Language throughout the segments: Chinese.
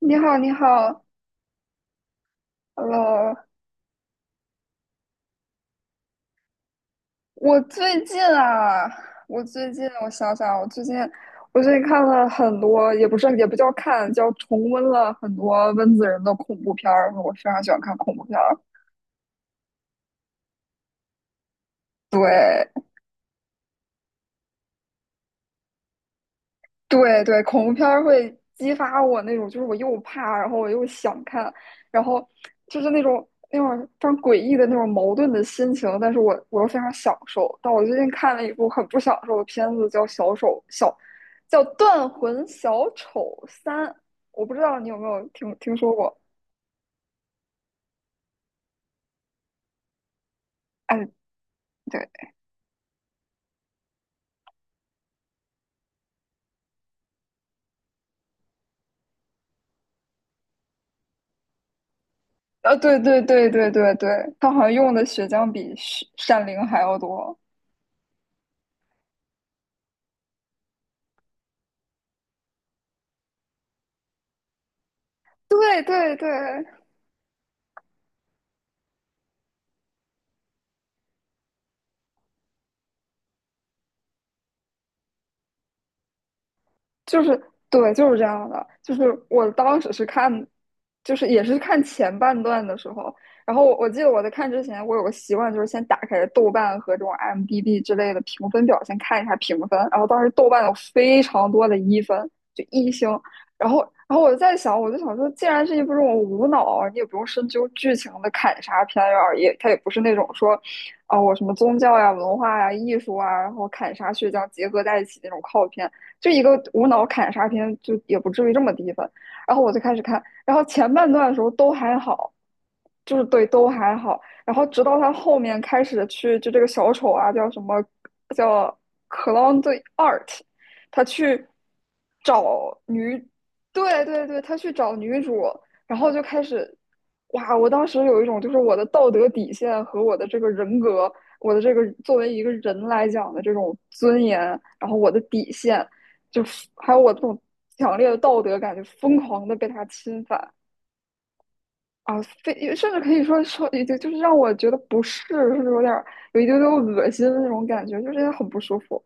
你好，你好，Hello。我最近啊，我最近我想想啊，我最近我最近看了很多，也不是也不叫看，叫重温了很多温子仁的恐怖片儿。我非常喜欢看恐怖片儿。对，对对，恐怖片儿会激发我那种，就是我又怕，然后我又想看，然后就是那种非常诡异的那种矛盾的心情，但是我又非常享受。但我最近看了一部很不享受的片子，叫《小丑小》，叫《断魂小丑三》，我不知道你有没有听说过？哎，对，啊，对对对对对对，他好像用的血浆比血闪灵还要多。对对对，就是对，就是这样的。就是我当时是看，就是也是看前半段的时候，然后我记得我在看之前，我有个习惯，就是先打开豆瓣和这种 IMDb 之类的评分表，先看一下评分。然后当时豆瓣有非常多的一分，就一星。然后，然后我就在想，我就想说，既然是一部这种无脑，你也不用深究剧情的砍杀片儿啊，也它也不是那种说，啊、我什么宗教呀、文化呀、艺术啊，然后砍杀血浆结合在一起那种靠片。就一个无脑砍杀片，就也不至于这么低分。然后我就开始看，然后前半段的时候都还好，就是对都还好。然后直到他后面开始去，就这个小丑啊，叫什么叫 Clown the Art，他去找女，对对对，他去找女主，然后就开始，哇！我当时有一种就是我的道德底线和我的这个人格。我的这个作为一个人来讲的这种尊严，然后我的底线，就是还有我这种强烈的道德感，就疯狂的被他侵犯啊，非甚至可以说，就就是让我觉得不适，甚至有一丢丢恶心的那种感觉，就是很不舒服。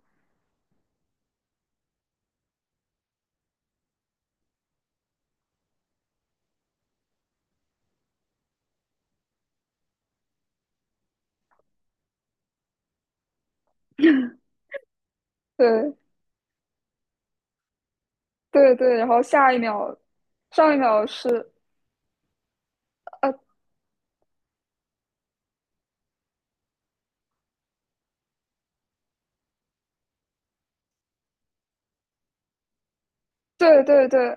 对对对，然后下一秒，上一秒是啊对对对，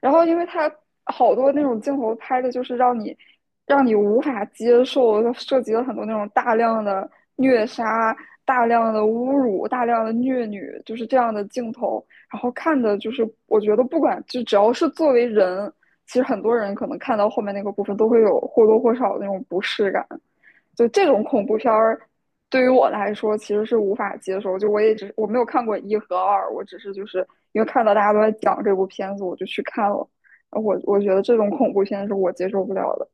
然后因为它好多那种镜头拍的，就是让你无法接受，它涉及了很多那种大量的虐杀、大量的侮辱、大量的虐女，就是这样的镜头。然后看的就是，我觉得不管就只要是作为人，其实很多人可能看到后面那个部分都会有或多或少的那种不适感。就这种恐怖片儿，对于我来说其实是无法接受。就我也只没有看过一和二，我只是就是因为看到大家都在讲这部片子，我就去看了。我觉得这种恐怖片是我接受不了的，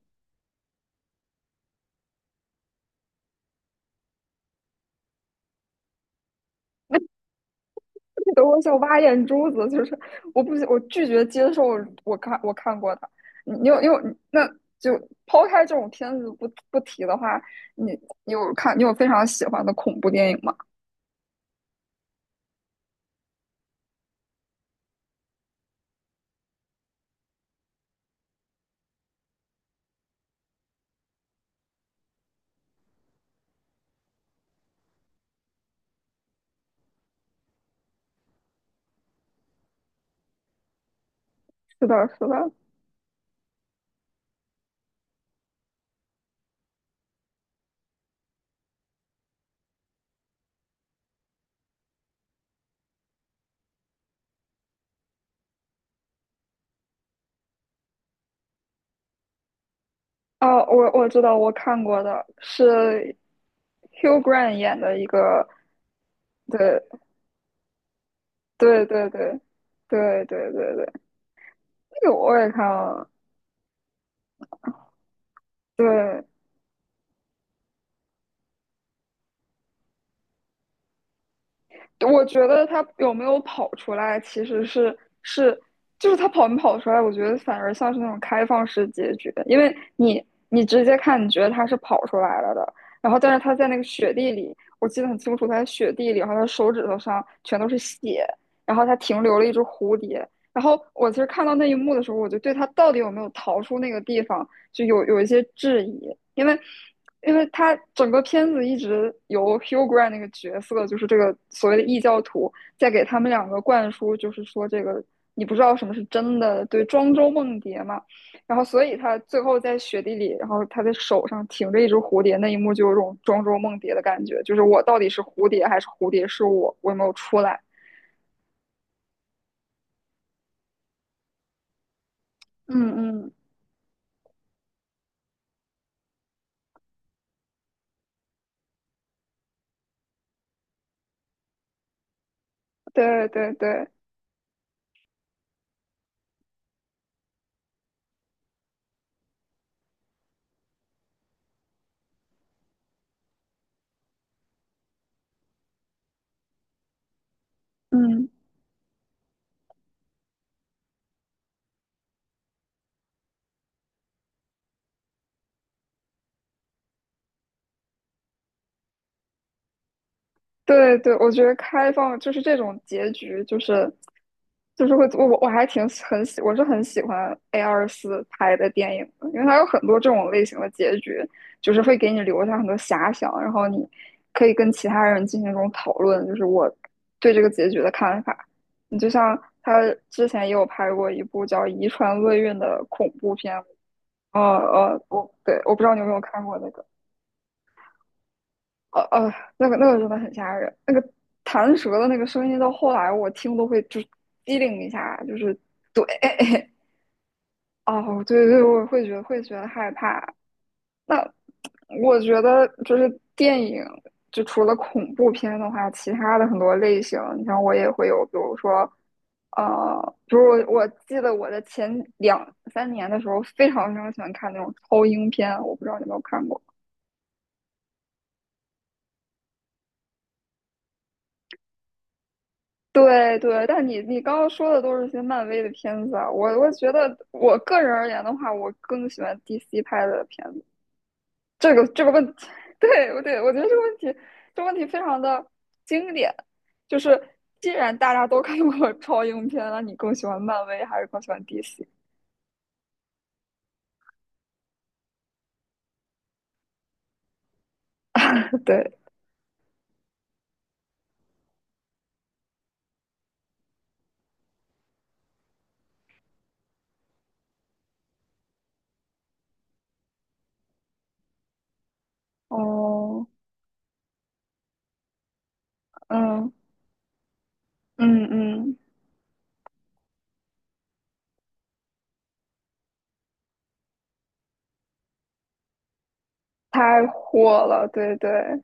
等我想挖眼珠子，就是我不我拒绝接受。我看过的，你你有你有那就抛开这种片子不提的话，你你有非常喜欢的恐怖电影吗？是的，是的。哦，我知道，我看过的是 Hugh Grant 演的一个，对对对对对对对对，那个我也看了，对我觉得他有没有跑出来，其实是就是他跑没跑出来，我觉得反而像是那种开放式结局的，因为你直接看，你觉得他是跑出来了的，然后但是他在那个雪地里，我记得很清楚，他在雪地里，然后他手指头上全都是血，然后他停留了一只蝴蝶，然后我其实看到那一幕的时候，我就对他到底有没有逃出那个地方就有有一些质疑，因为因为他整个片子一直由 Hugh Grant 那个角色，就是这个所谓的异教徒，在给他们两个灌输，就是说这个你不知道什么是真的，对，庄周梦蝶嘛。然后所以他最后在雪地里，然后他的手上停着一只蝴蝶，那一幕就有种庄周梦蝶的感觉，就是我到底是蝴蝶还是蝴蝶是我，我有没有出来？嗯嗯，对对对，嗯。对对，我觉得开放就是这种结局，就是会我还挺喜很喜，我是很喜欢 A24拍的电影的，因为它有很多这种类型的结局，就是会给你留下很多遐想，然后你可以跟其他人进行这种讨论，就是我对这个结局的看法。你就像他之前也有拍过一部叫《遗传厄运》的恐怖片，我不知道你有没有看过那个。那个真的很吓人，那个弹舌的那个声音，到后来我听都会就是机灵一下，就是对，哦，对对，我会觉得害怕。那我觉得就是电影，就除了恐怖片的话，其他的很多类型，你像我也会有，比如说，比如我记得我的前两三年的时候，非常非常喜欢看那种超英片，我不知道你有没有看过。对对，但你刚刚说的都是一些漫威的片子啊，我觉得我个人而言的话，我更喜欢 DC 拍的片子。这个问题，我觉得这个问题，这个问题非常的经典。就是既然大家都看过超英片，那你更喜欢漫威还是更喜欢 DC？对，哦，嗯嗯嗯，太火了，对对，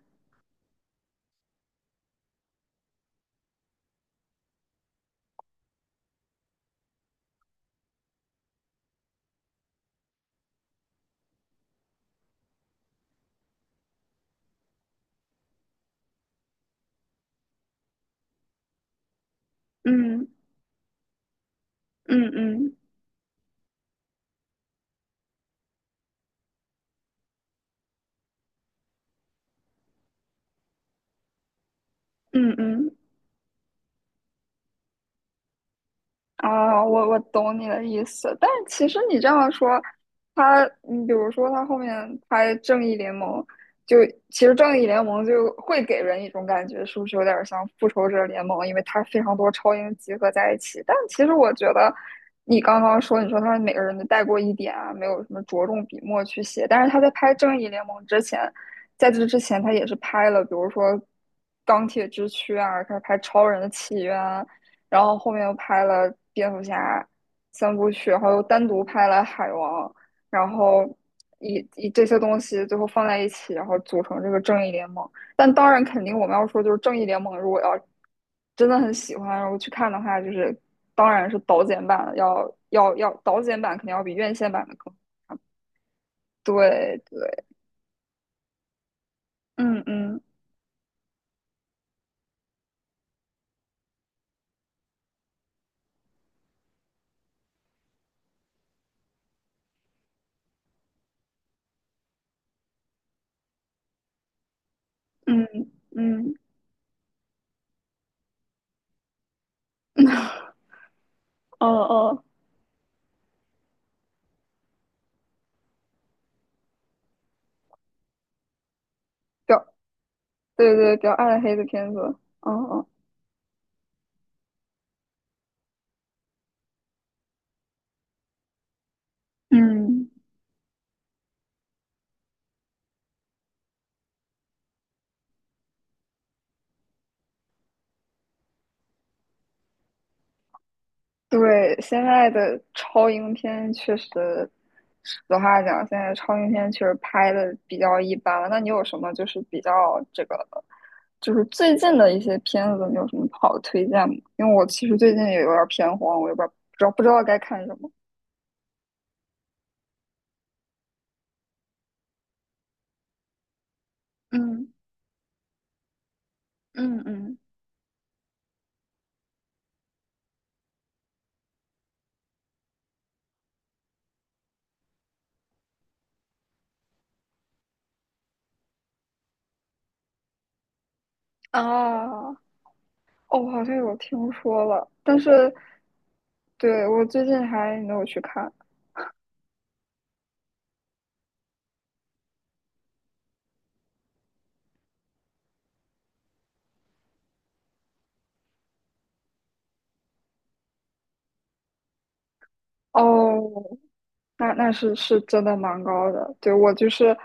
嗯嗯嗯嗯嗯啊，我懂你的意思，但是其实你这样说，他，你比如说他后面拍《正义联盟》就，其实《正义联盟》就会给人一种感觉，是不是有点像《复仇者联盟》？因为它非常多超英集合在一起。但其实我觉得，你刚刚说，你说他每个人都带过一点啊，没有什么着重笔墨去写。但是他在拍《正义联盟》之前，在这之前，他也是拍了，比如说《钢铁之躯》啊，开始拍《超人的起源》然后后面又拍了蝙蝠侠三部曲，然后又单独拍了海王，然后以以这些东西最后放在一起，然后组成这个正义联盟。但当然，肯定我们要说就是正义联盟，如果要真的很喜欢，然后去看的话，就是当然是导剪版的，要导剪版肯定要比院线版的更对对，嗯嗯嗯嗯哦哦，比较对对比较暗黑的片子，嗯嗯嗯。对，现在的超英片确实，实话讲，现在超英片确实拍的比较一般了。那你有什么就是比较这个，就是最近的一些片子，你有什么好的推荐吗？因为我其实最近也有点偏荒，我也不知道该看什么。嗯嗯嗯，啊，哦，我好像有听说了，但是对我最近还没有去看。哦，那是真的蛮高的。对，我就是。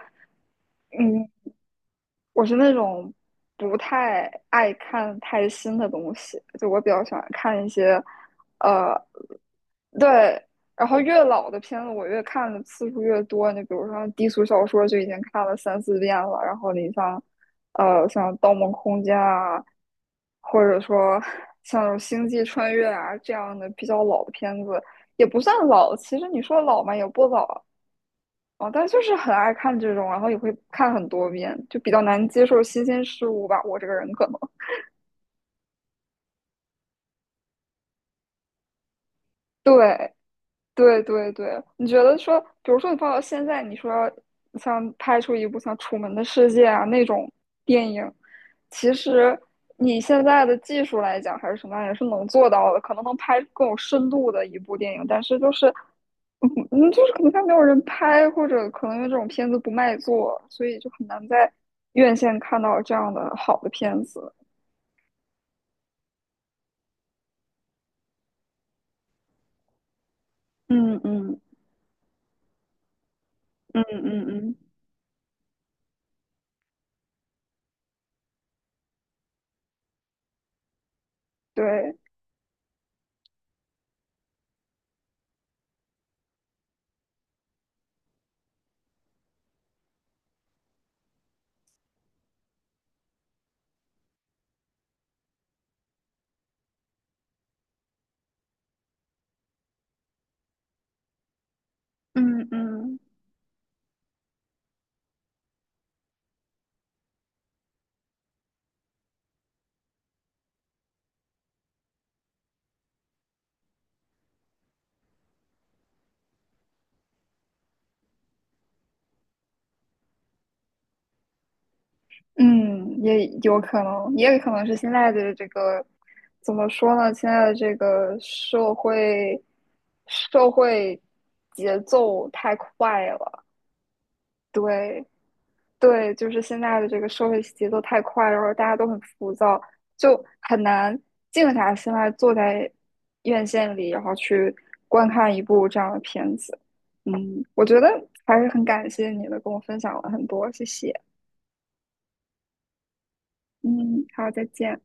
嗯，我是那种不太爱看太新的东西，就我比较喜欢看一些，呃，对，然后越老的片子我越看的次数越多，你比如说低俗小说就已经看了三四遍了，然后你像，像《盗梦空间》啊，或者说像那种星际穿越》啊这样的比较老的片子，也不算老，其实你说老嘛也不老，哦，但就是很爱看这种，然后也会看很多遍，就比较难接受新鲜事物吧。我这个人可能，对对对对，你觉得说，比如说你放到现在，你说像拍出一部像《楚门的世界》啊那种电影，其实你现在的技术来讲还是什么样，也是能做到的，可能能拍更有深度的一部电影，但是就是就是可能它没有人拍，或者可能因为这种片子不卖座，所以就很难在院线看到这样的好的片子。嗯嗯嗯嗯嗯，对，嗯嗯嗯，也有可能，也可能是现在的这个怎么说呢？现在的这个社会节奏太快了，对，对，就是现在的这个社会节奏太快，然后大家都很浮躁，就很难静下心来坐在院线里，然后去观看一部这样的片子。嗯，我觉得还是很感谢你的，跟我分享了很多，谢谢。嗯，好，再见。